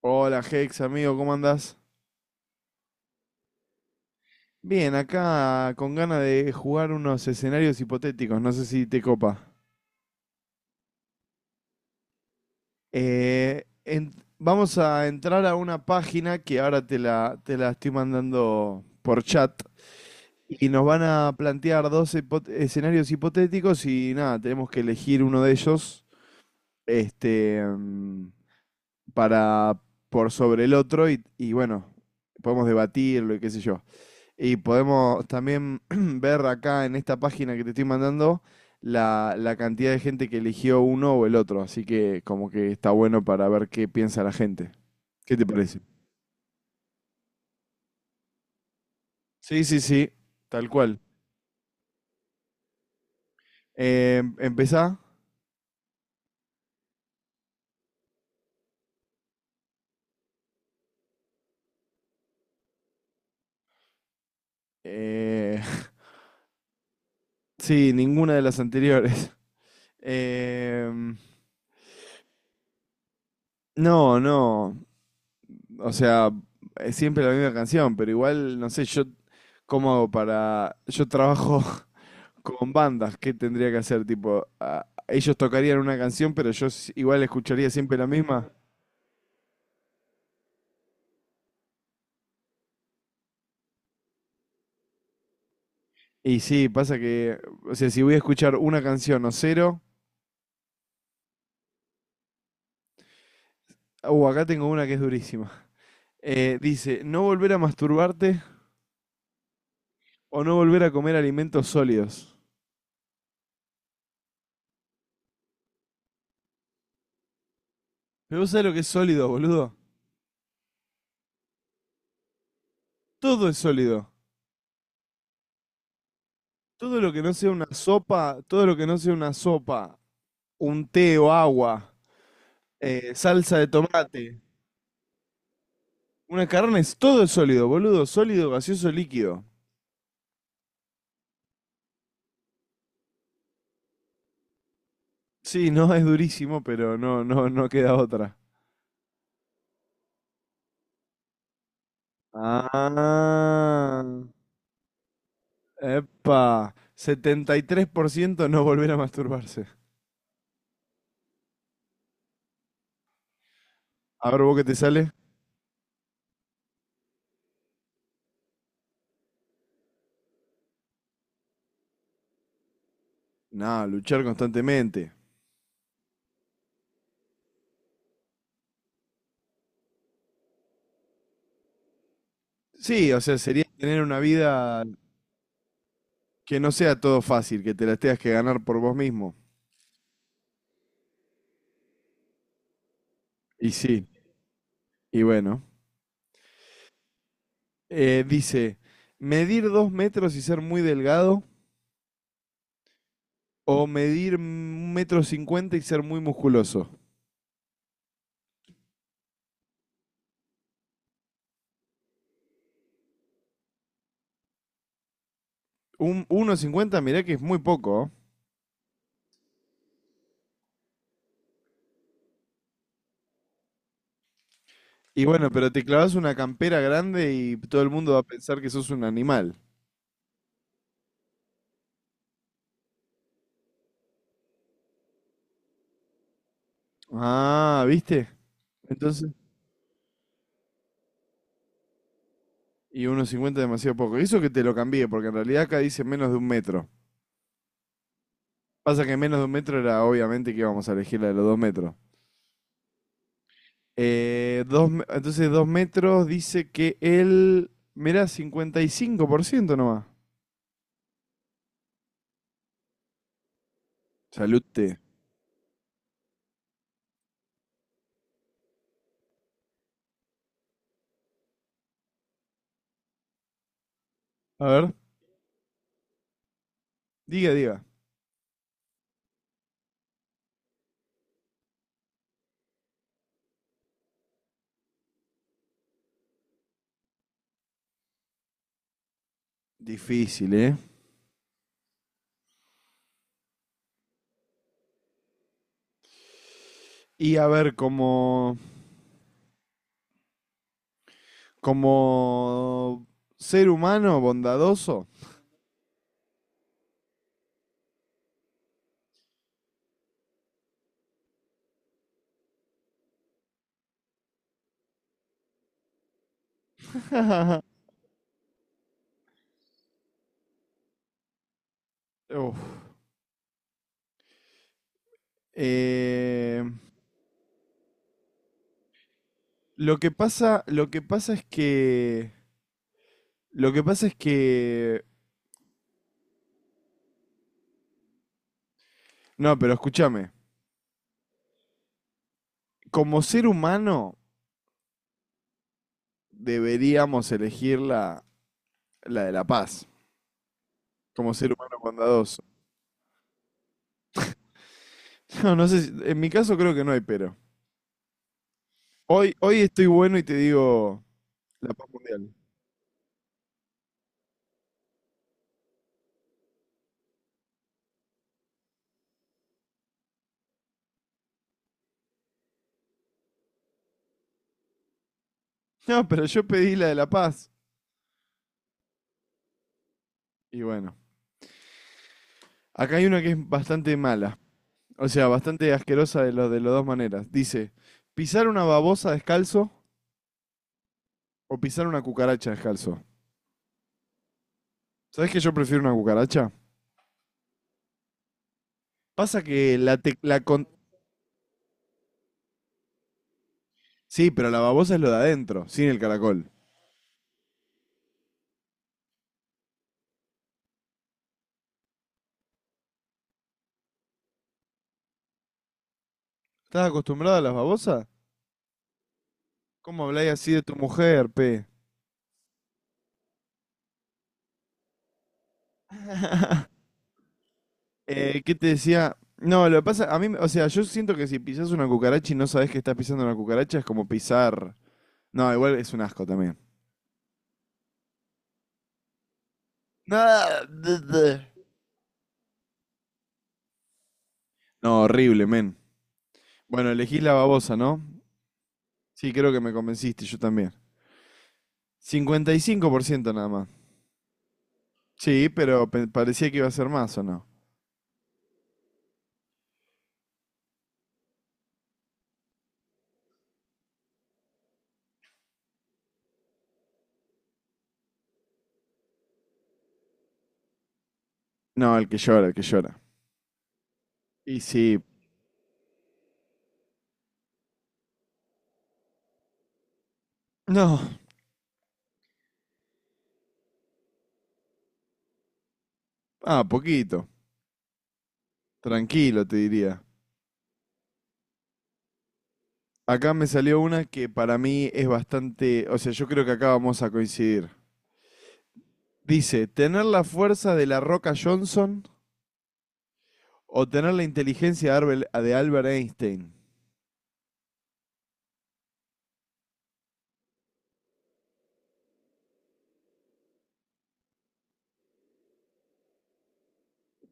Hola Hex, amigo, ¿cómo andás? Bien, acá con ganas de jugar unos escenarios hipotéticos, no sé si te copa. Eh, en- Vamos a entrar a una página que ahora te la estoy mandando por chat, y nos van a plantear escenarios hipotéticos y nada, tenemos que elegir uno de ellos este, mm, para, por sobre el otro y bueno, podemos debatirlo y qué sé yo. Y podemos también ver acá en esta página que te estoy mandando la cantidad de gente que eligió uno o el otro. Así que como que está bueno para ver qué piensa la gente. ¿Qué te parece? Sí, sí, sí, tal cual. Empezá. Eh, sí, ninguna de las anteriores. Em, no, no. O sea, es siempre la misma canción, pero igual, no sé, yo cómo hago para... Yo trabajo. Con bandas, ¿qué tendría que hacer? Tipo, ellos tocarían una canción, pero igual escucharía siempre la misma. Y sí, pasa que, o sea, si voy a escuchar una canción o cero, acá tengo una que es durísima. Dice, no volver a masturbarte o no volver a comer alimentos sólidos. Pero vos sabés lo que es sólido, boludo. Todo es sólido. Todo lo que no sea una sopa, todo lo que no sea una sopa, un té o agua, salsa de tomate, una carne, es todo es sólido, boludo. Sólido, gaseoso, líquido. Sí, no, es durísimo, pero no, no, no queda otra. Ah, epa, 73% no volver a masturbarse. A ver, ¿vos qué te sale? No, luchar constantemente. Sí, o sea, sería tener una vida que no sea todo fácil, que te la tengas que ganar por vos mismo. Y sí, y bueno. Dice, medir 2 metros y ser muy delgado o medir 1,50 m y ser muy musculoso. Un uno cincuenta, mirá que es muy poco. ¿Oh? Y bueno, pero te clavas una campera grande y todo el mundo va a pensar que sos un animal. Ah, ¿viste? Entonces, y 1,50 es demasiado poco. Eso que te lo cambié, porque en realidad acá dice menos de un metro. Pasa que menos de un metro era obviamente que íbamos a elegir la de los 2 metros. Entonces, 2 metros dice que él. Mirá, 55% nomás. Salute. A ver, diga, diga. Difícil, ¿eh? Y a ver, como. Como ser humano bondadoso. Uf. Eh, lo que pasa es que, lo que pasa es que, no, pero escúchame, como ser humano deberíamos elegir la de la paz, como ser humano bondadoso. No, no sé, en mi caso creo que no hay pero. Hoy estoy bueno y te digo la paz mundial. No, pero yo pedí la de la paz. Y bueno, acá hay una que es bastante mala. O sea, bastante asquerosa de, lo, de las dos maneras. Dice, pisar una babosa descalzo o pisar una cucaracha descalzo. ¿Sabés que yo prefiero una cucaracha? Pasa que la, te la con- Sí, pero la babosa es lo de adentro, sin el caracol. ¿Estás acostumbrada a las babosas? ¿Cómo habláis así de tu mujer, pe? ¿Qué te decía? No, lo que pasa, a mí, o sea, yo siento que si pisas una cucaracha y no sabés que estás pisando una cucaracha, es como pisar... No, igual es un asco también. No, horrible, men. Bueno, elegí la babosa, ¿no? Sí, creo que me convenciste, yo también. 55% nada más. Sí, pero parecía que iba a ser más, ¿o no? No, el que llora, el que llora. Y sí. No. Ah, poquito. Tranquilo, te diría. Acá me salió una que para mí es bastante... O sea, yo creo que acá vamos a coincidir. Dice, ¿tener la fuerza de la Roca Johnson o tener la inteligencia de Albert Einstein?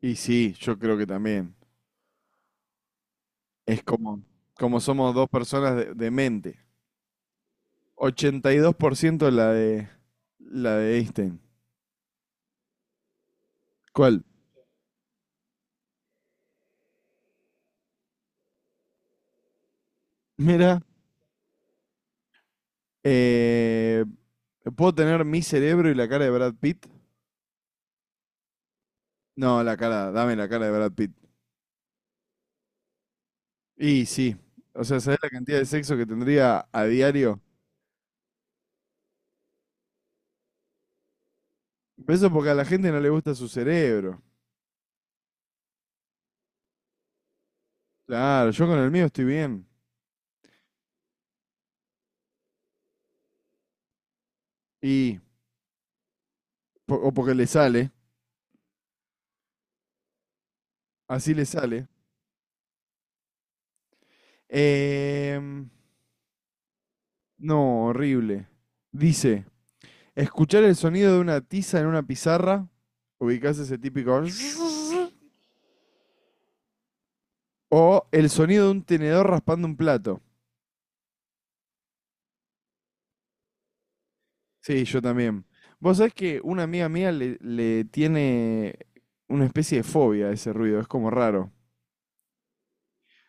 Y sí, yo creo que también. Es como, como somos dos personas de mente. 82% la de Einstein. ¿Cuál? Mira, eh, ¿puedo tener mi cerebro y la cara de Brad Pitt? No, la cara, dame la cara de Brad Pitt. Y sí, o sea, ¿sabés la cantidad de sexo que tendría a diario? Pero eso porque a la gente no le gusta su cerebro. Claro, yo con el mío estoy bien. Y, o porque le sale, así le sale. Em, no, horrible. Dice, escuchar el sonido de una tiza en una pizarra. Ubicás ese típico. O el sonido de un tenedor raspando un plato. Sí, yo también. Vos sabés que una amiga mía le tiene una especie de fobia a ese ruido. Es como raro.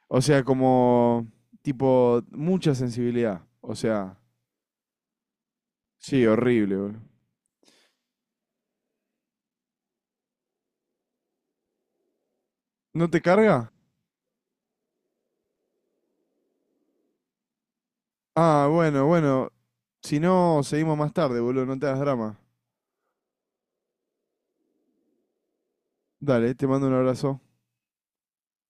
O sea, como. Tipo, mucha sensibilidad. O sea, sí, horrible, boludo. ¿No te carga? Ah, bueno, bueno. Si no, seguimos más tarde, boludo. No te hagas drama. Dale, te mando un abrazo.